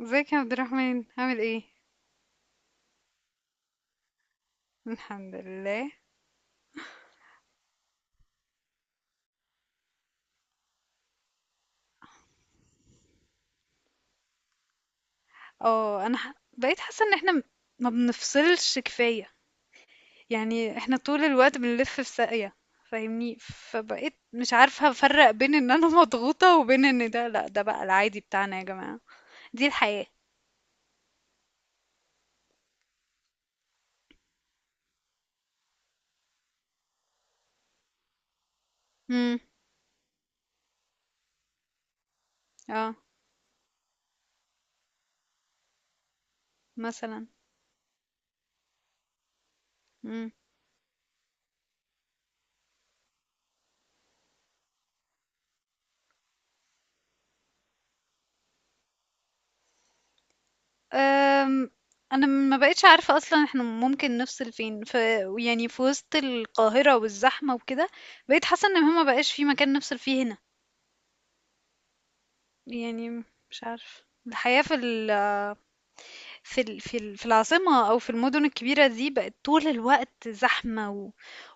ازيك يا عبد الرحمن، عامل ايه؟ الحمد لله. اه، انا بقيت حاسه ان احنا ما بنفصلش كفايه. يعني احنا طول الوقت بنلف في ساقيه، فاهمني؟ فبقيت مش عارفه افرق بين ان انا مضغوطه وبين ان ده، لا، ده بقى العادي بتاعنا يا جماعه. دي الحياه. امم. اه. مثلا. امم. أم، انا ما بقتش عارفه اصلا احنا ممكن نفصل فين في... يعني في وسط القاهره والزحمه وكده. بقيت حاسه ان هما بقاش في مكان نفصل فيه هنا يعني. مش عارف، الحياة في العاصمة أو في المدن الكبيرة دي بقت طول الوقت زحمة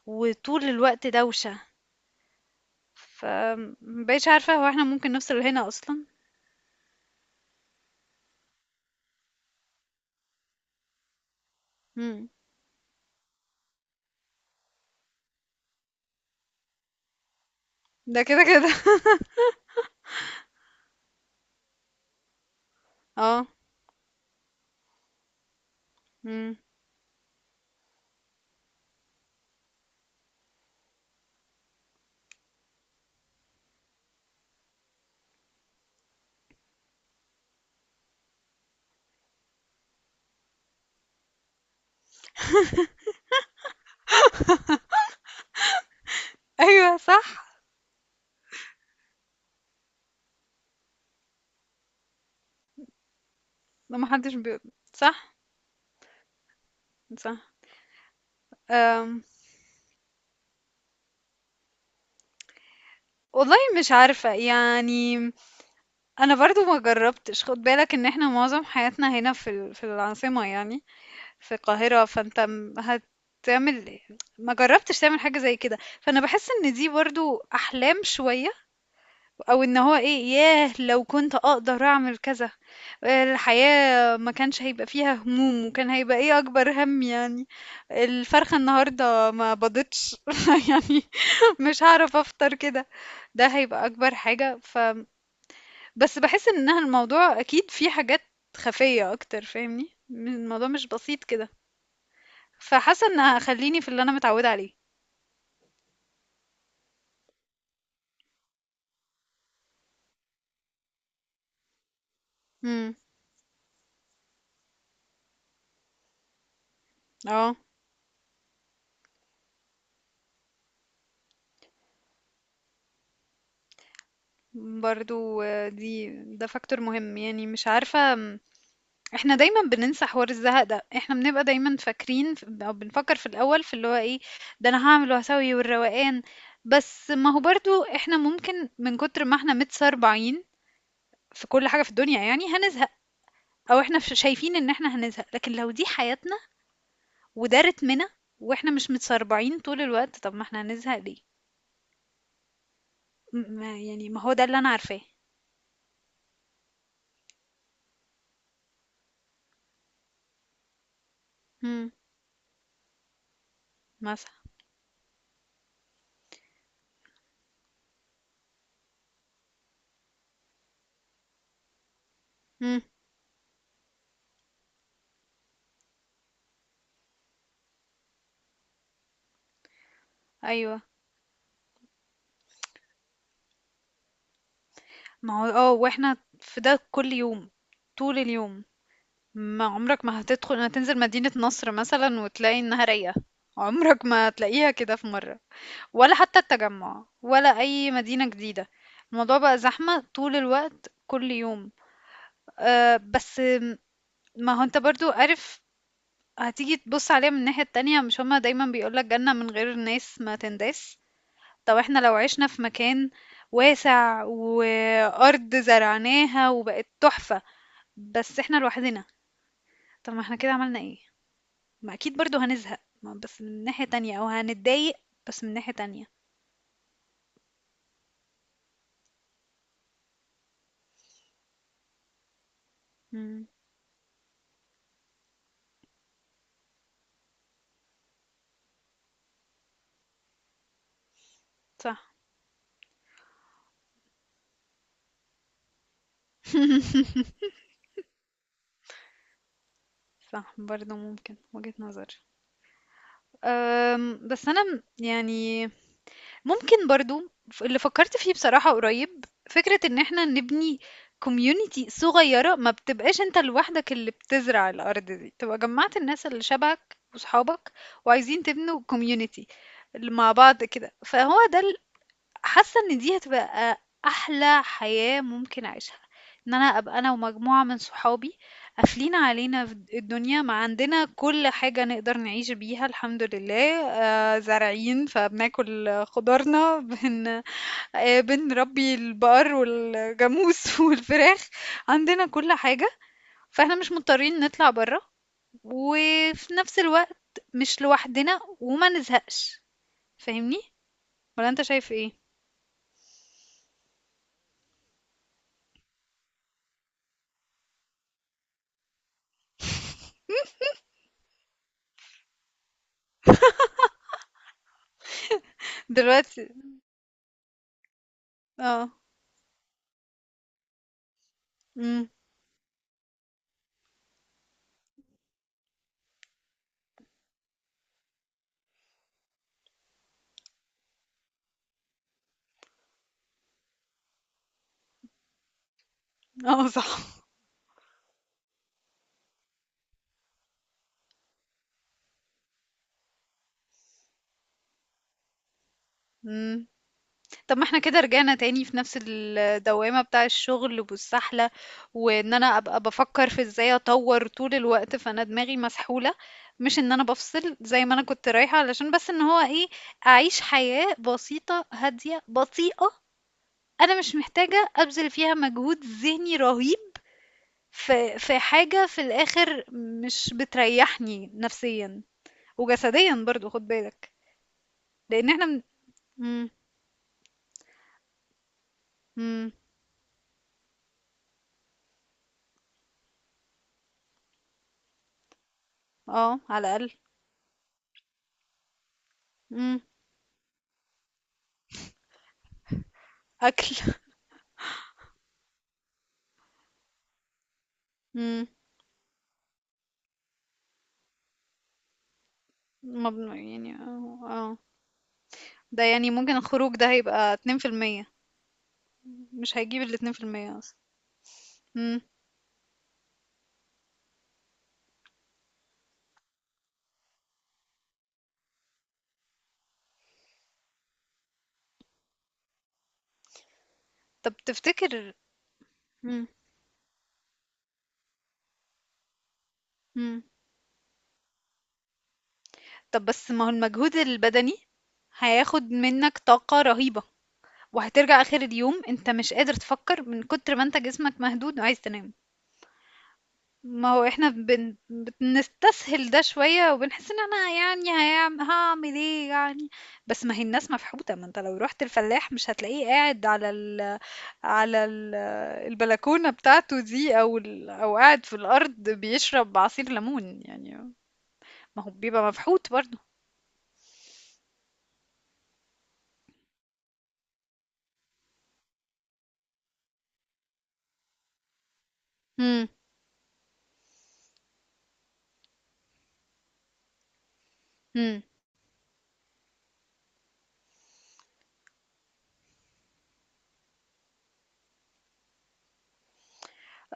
وطول الوقت دوشة. فمبقتش عارفة، هو احنا ممكن نوصل لهنا أصلا؟ مم. ده كده كده اه. مم. أيوه، صح. ده محدش بي... صح. صح. أم. والله مش عارفة يعني. أنا برضو ما جربتش، خد بالك إن احنا معظم حياتنا هنا في العاصمة يعني، في القاهرة. فانت هتعمل... ما جربتش تعمل حاجة زي كده، فانا بحس ان دي برضو احلام شوية، او ان هو ايه، ياه لو كنت اقدر اعمل كذا، الحياة ما كانش هيبقى فيها هموم، وكان هيبقى ايه اكبر هم يعني؟ الفرخة النهاردة ما بضتش يعني مش هعرف افطر كده، ده هيبقى اكبر حاجة. ف... بس بحس انها الموضوع اكيد فيه حاجات خفية اكتر، فاهمني؟ الموضوع مش بسيط كده. فحاسه ان هخليني في اللي انا متعوده عليه. امم. اه. برضو دي... ده فاكتور مهم. يعني مش عارفه احنا دايما بننسى حوار الزهق ده. احنا بنبقى دايما فاكرين او بنفكر في الاول في اللي هو ايه، ده انا هعمل وهسوي والروقان. بس ما هو برضو احنا ممكن من كتر ما احنا متسربعين في كل حاجه في الدنيا يعني هنزهق، او احنا شايفين ان احنا هنزهق، لكن لو دي حياتنا وده رتمنا واحنا مش متسربعين طول الوقت، طب ما احنا هنزهق ليه؟ يعني ما هو ده اللي انا عارفاه. إمم. مثلًا. إمم. أيوه. ما هو وإحنا في ده كل يوم، طول اليوم، ما عمرك ما هتدخل، هتنزل مدينة نصر مثلًا وتلاقي إنها رايقة، عمرك ما هتلاقيها كده في مرة، ولا حتى التجمّع، ولا أي مدينة جديدة، الموضوع بقى زحمة طول الوقت، كل يوم. بس ما هو أنت برضه عارف، هتيجي تبُص عليها من الناحية التانية، مش هُم دايمًا بيقولوا لك جنة من غير ناس ما تنداس؟ طب احنا لو عشنا في مكان واسع وأرض زرعناها وبقت تحفة، بس احنا لوحدنا، طب ما احنا كده عملنا ايه؟ ما اكيد برضو هنزهق، ما بس من ناحية تانية او هنتضايق، بس من ناحية تانية. امم. صح. صح، برضو ممكن وجهة نظر. بس انا يعني، ممكن برضو، اللي فكرت فيه بصراحة قريب، فكرة ان احنا نبني كوميونيتي صغيرة، ما بتبقاش انت لوحدك اللي بتزرع الارض دي، تبقى جمعت الناس اللي شبهك وصحابك وعايزين تبنوا كوميونيتي مع بعض كده، فهو ده... حاسة إن دي هتبقى أحلى حياة ممكن أعيشها، إن أنا أبقى أنا ومجموعة من صحابي قافلين علينا في الدنيا، ما عندنا كل حاجة نقدر نعيش بيها الحمد لله، زارعين فبناكل خضارنا، بن بنربي البقر والجاموس والفراخ، عندنا كل حاجة، فإحنا مش مضطرين نطلع برّه، وفي نفس الوقت مش لوحدنا وما نزهقش، فاهمني؟ والّا أنت شايف إيه؟ دلوقتي. آه. إمم. آه، صح. إمم. طب ما إحنا كده رجعنا تاني في نفس الدوّامة بتاع الشغل والسحلة، وإن أنا أبقى بافكّر في إزاي أطوّر طول الوقت، فأنا دماغي مسحولة، مش إن أنا بافصل زي ما أنا كنت رايحة، علشان بس إن هو إيه، أعيش حياة بسيطة، هادية، بطيئة، أنا مش محتاجة أبذل فيها مجهود ذهني رهيب في حاجة في الآخر مش بتريّحني نفسيًا وجسديًا برضه، خُد بالك، لإن إحنا من... إمم. إمم. اه، على الأقل. امم. أكل. امم. يعني اه، آه. ده يعني ممكن الخروج ده هيبقى 2%، مش هيجيب 2% أصلا. امم. طب تفتكر. امم. امم. طب، بس ما هو المجهود البدني هياخد منك طاقة رهيبة، وهترجع آخر اليوم انت مش قادر تفكر من كتر ما انت جسمك مهدود وعايز تنام. ما هو احنا بنستسهل ده شوية وبنحس ان انا يعني هعمل ايه يعني. بس ما هي الناس مفحوطة، ما انت لو رحت الفلاح مش هتلاقيه قاعد على ال... البلكونة بتاعته دي او قاعد في الارض بيشرب عصير ليمون يعني، ما هو بيبقى مفحوط برضه. امم. امم.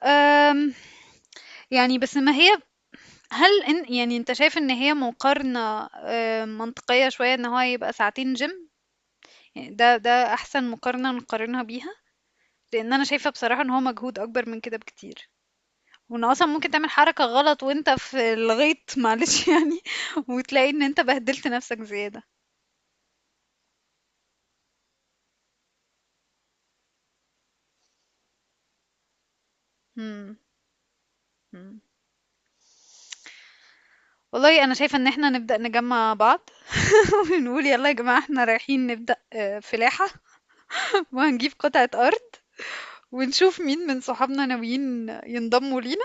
أم، يعني بس ما هي، هل إن يعني انت شايف ان هي مقارنة منطقية شوية ان هو يبقى ساعتين جيم؟ يعني ده احسن مقارنة نقارنها بيها؟ لان انا شايفة بصراحة ان هو مجهود اكبر من كده بكتير، وان اصلا ممكن تعمل حركة غلط وانت في الغيط معلش يعني، وتلاقي ان انت بهدلت نفسك زيادة. مم. مم. والله انا شايفة ان احنا نبدأ نجمع بعض ونقول يلا يا جماعة، احنا رايحين نبدأ فلاحة. وهنجيب قطعة ارض، ونشوف مين من صحابنا ناويين ينضموا لينا،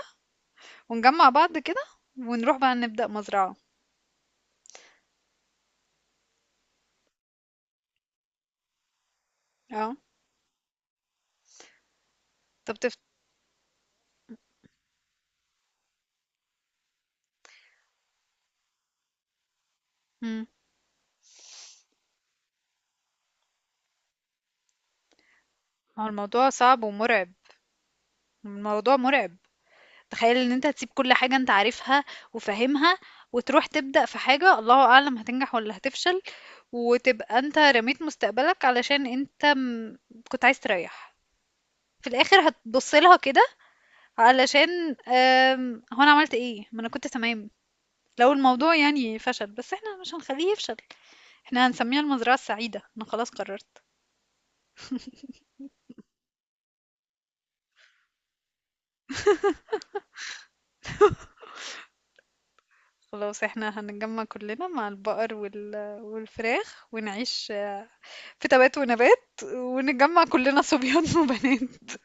ونجمع بعض كده، ونروح بقى نبدأ مزرعة. اه. طب مم. هو الموضوع صعب ومرعب، الموضوع مرعب. تخيل ان انت هتسيب كل حاجة انت عارفها وفاهمها، وتروح تبدأ في حاجة الله اعلم هتنجح ولا هتفشل، وتبقى انت رميت مستقبلك علشان انت كنت عايز تريح، في الاخر هتبص لها كده علشان هو انا عملت ايه، ما انا كنت تمام. لو الموضوع يعني فشل، بس احنا مش هنخليه يفشل، احنا هنسميها المزرعة السعيدة، انا خلاص قررت. خلاص احنا هنتجمع كلنا مع البقر والفراخ ونعيش في تبات ونبات، ونتجمّع كلّنا صبيان وبنات.